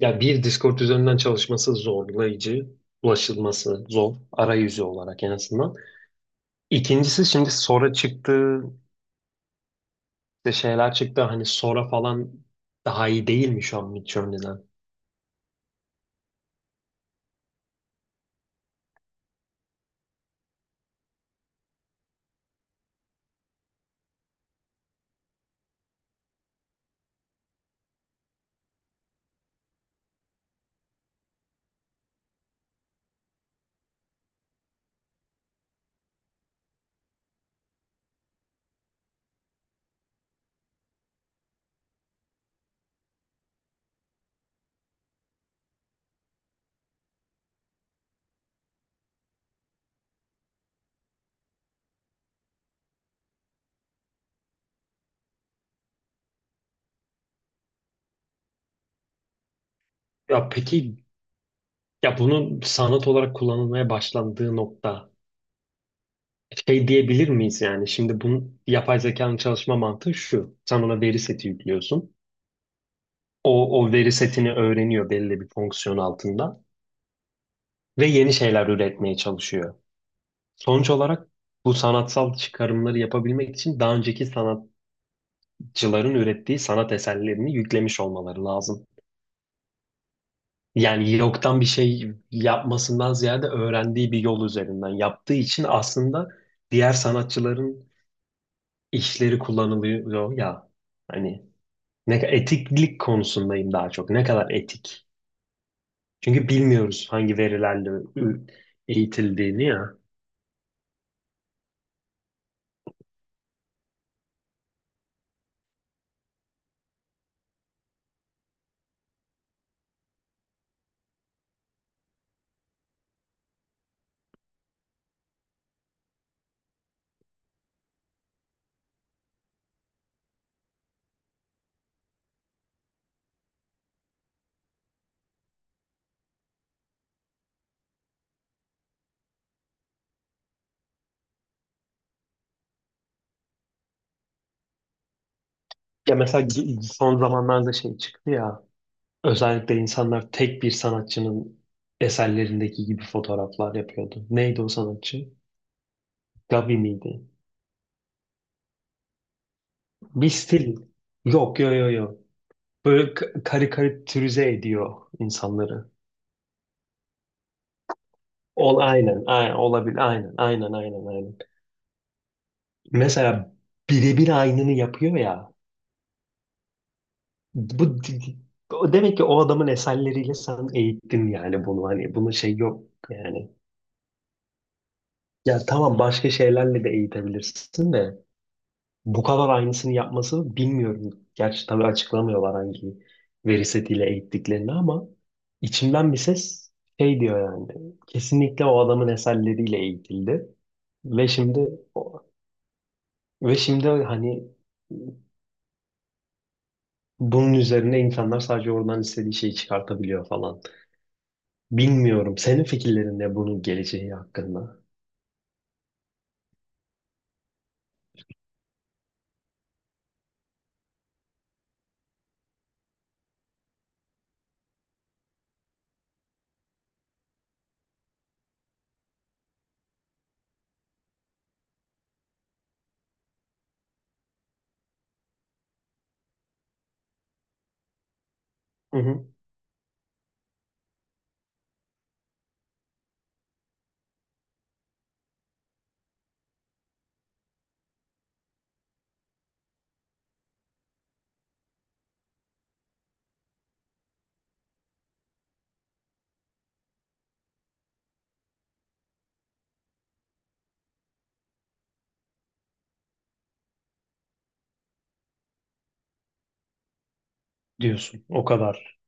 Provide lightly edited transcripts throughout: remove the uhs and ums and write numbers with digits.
Ya bir Discord üzerinden çalışması zorlayıcı, ulaşılması zor arayüzü olarak en azından. İkincisi şimdi Sora çıktı, işte şeyler çıktı hani Sora falan daha iyi değil mi şu an Midjourney'den? Ya peki ya bunun sanat olarak kullanılmaya başlandığı nokta şey diyebilir miyiz yani? Şimdi bunun yapay zekanın çalışma mantığı şu. Sen ona veri seti yüklüyorsun. O veri setini öğreniyor belli bir fonksiyon altında ve yeni şeyler üretmeye çalışıyor. Sonuç olarak bu sanatsal çıkarımları yapabilmek için daha önceki sanatçıların ürettiği sanat eserlerini yüklemiş olmaları lazım. Yani yoktan bir şey yapmasından ziyade öğrendiği bir yol üzerinden yaptığı için aslında diğer sanatçıların işleri kullanılıyor ya. Hani ne etiklik konusundayım daha çok. Ne kadar etik? Çünkü bilmiyoruz hangi verilerle ü- eğitildiğini ya. Ya mesela son zamanlarda şey çıktı ya, özellikle insanlar tek bir sanatçının eserlerindeki gibi fotoğraflar yapıyordu. Neydi o sanatçı? Gabi miydi? Bir stil. Yok, yo, yo, yo. Böyle karikatürize ediyor insanları. Aynen, aynen olabilir, aynen, aynen, aynen, aynen. Mesela birebir aynını yapıyor ya. Bu o demek ki o adamın eserleriyle sen eğittin yani, bunu hani bunun şey yok yani. Ya tamam, başka şeylerle de eğitebilirsin de. Bu kadar aynısını yapması bilmiyorum. Gerçi tabii açıklamıyorlar hangi veri setiyle eğittiklerini, ama içimden bir ses şey diyor yani. Kesinlikle o adamın eserleriyle eğitildi. Ve şimdi ve şimdi hani bunun üzerine insanlar sadece oradan istediği şeyi çıkartabiliyor falan. Bilmiyorum. Senin fikirlerin ne bunun geleceği hakkında? Hı hı. Diyorsun. O kadar.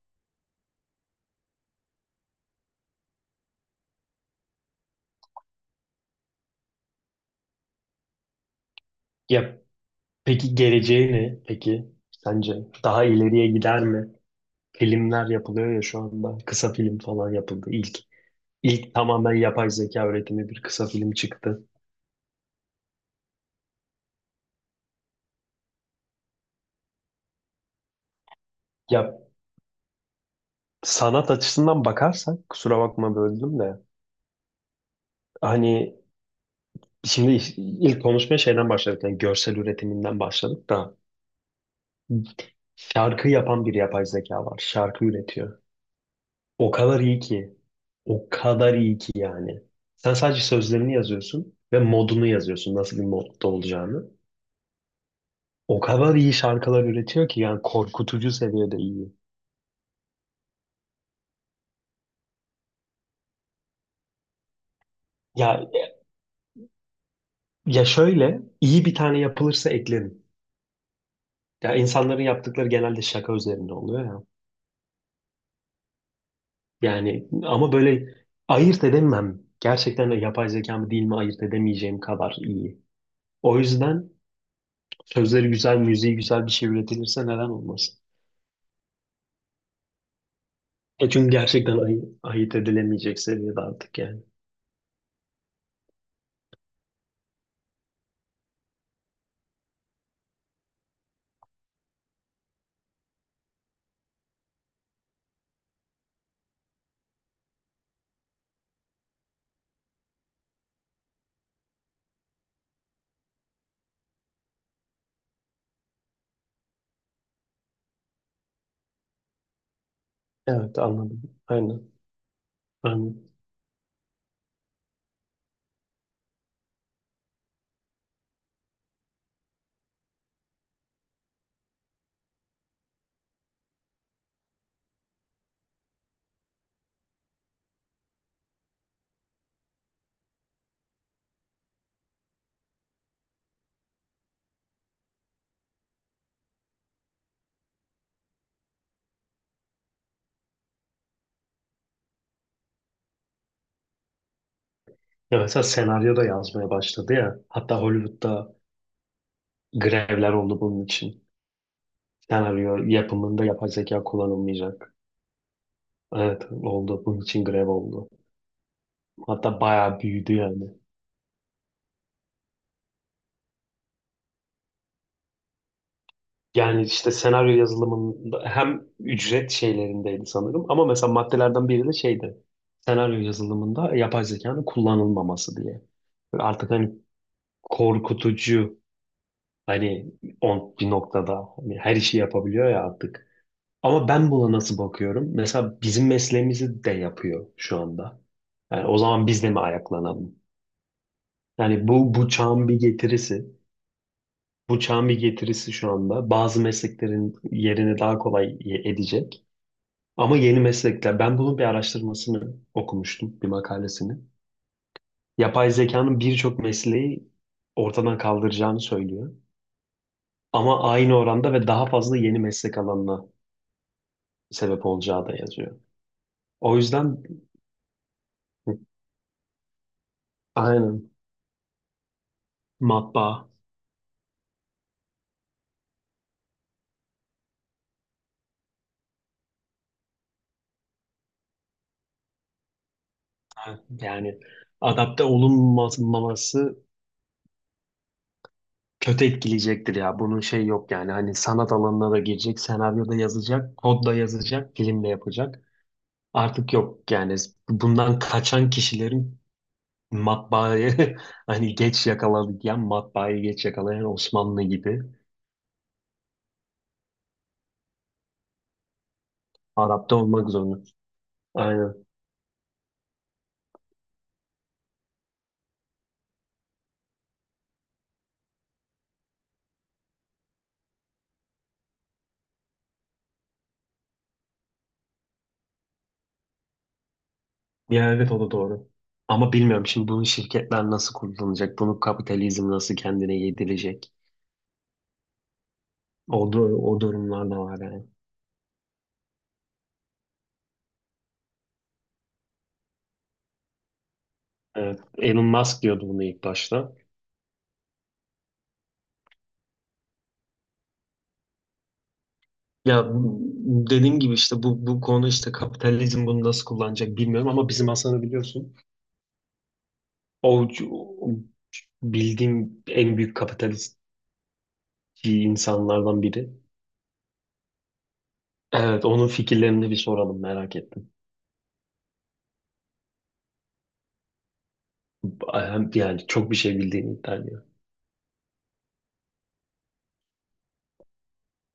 Ya peki geleceği ne? Peki sence daha ileriye gider mi? Filmler yapılıyor ya şu anda. Kısa film falan yapıldı. İlk tamamen yapay zeka üretimi bir kısa film çıktı. Ya sanat açısından bakarsak, kusura bakma böldüm de, hani şimdi ilk konuşmaya şeyden başladık. Yani görsel üretiminden başladık da, şarkı yapan bir yapay zeka var. Şarkı üretiyor. O kadar iyi ki. O kadar iyi ki yani. Sen sadece sözlerini yazıyorsun ve modunu yazıyorsun. Nasıl bir modda olacağını. O kadar iyi şarkılar üretiyor ki yani, korkutucu seviyede iyi. Ya ya şöyle iyi bir tane yapılırsa eklerim. Ya insanların yaptıkları genelde şaka üzerinde oluyor ya. Yani ama böyle ayırt edemem. Gerçekten de yapay zeka mı değil mi ayırt edemeyeceğim kadar iyi. O yüzden sözleri güzel, müziği güzel bir şey üretilirse neden olmasın? E çünkü gerçekten ayırt edilemeyecek seviyede artık yani. Evet, anladım. Aynen. Ben, ya mesela senaryo da yazmaya başladı ya. Hatta Hollywood'da grevler oldu bunun için. Senaryo yapımında yapay zeka kullanılmayacak. Evet, oldu. Bunun için grev oldu. Hatta bayağı büyüdü yani. Yani işte senaryo yazılımında hem ücret şeylerindeydi sanırım, ama mesela maddelerden biri de şeydi. Senaryo yazılımında yapay zekanın kullanılmaması diye. Böyle artık hani korkutucu, hani 11 noktada hani her işi yapabiliyor ya artık. Ama ben buna nasıl bakıyorum? Mesela bizim mesleğimizi de yapıyor şu anda. Yani o zaman biz de mi ayaklanalım? Yani bu çağın bir getirisi. Bu çağın bir getirisi şu anda. Bazı mesleklerin yerini daha kolay edecek. Ama yeni meslekler. Ben bunun bir araştırmasını okumuştum, bir makalesini. Yapay zekanın birçok mesleği ortadan kaldıracağını söylüyor. Ama aynı oranda ve daha fazla yeni meslek alanına sebep olacağı da yazıyor. O yüzden aynen, matbaa, yani adapte olunmaması kötü etkileyecektir ya. Bunun şey yok yani. Hani sanat alanına da girecek, senaryo da yazacak, kod da yazacak, film de yapacak. Artık yok yani. Bundan kaçan kişilerin, matbaayı hani geç yakalayan, matbaayı geç yakalayan Osmanlı gibi adapte olmak zorunda. Aynen. Ya evet, o da doğru. Ama bilmiyorum, şimdi bunu şirketler nasıl kullanacak? Bunu kapitalizm nasıl kendine yedirecek? O durumlar da var yani. Evet, Elon Musk diyordu bunu ilk başta. Ya, dediğim gibi işte bu konu işte kapitalizm bunu nasıl kullanacak bilmiyorum, ama bizim Hasan'ı biliyorsun. O, o bildiğim en büyük kapitalist insanlardan biri. Evet, onun fikirlerini bir soralım, merak ettim. Yani çok bir şey bildiğini iddia ediyor.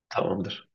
Tamamdır.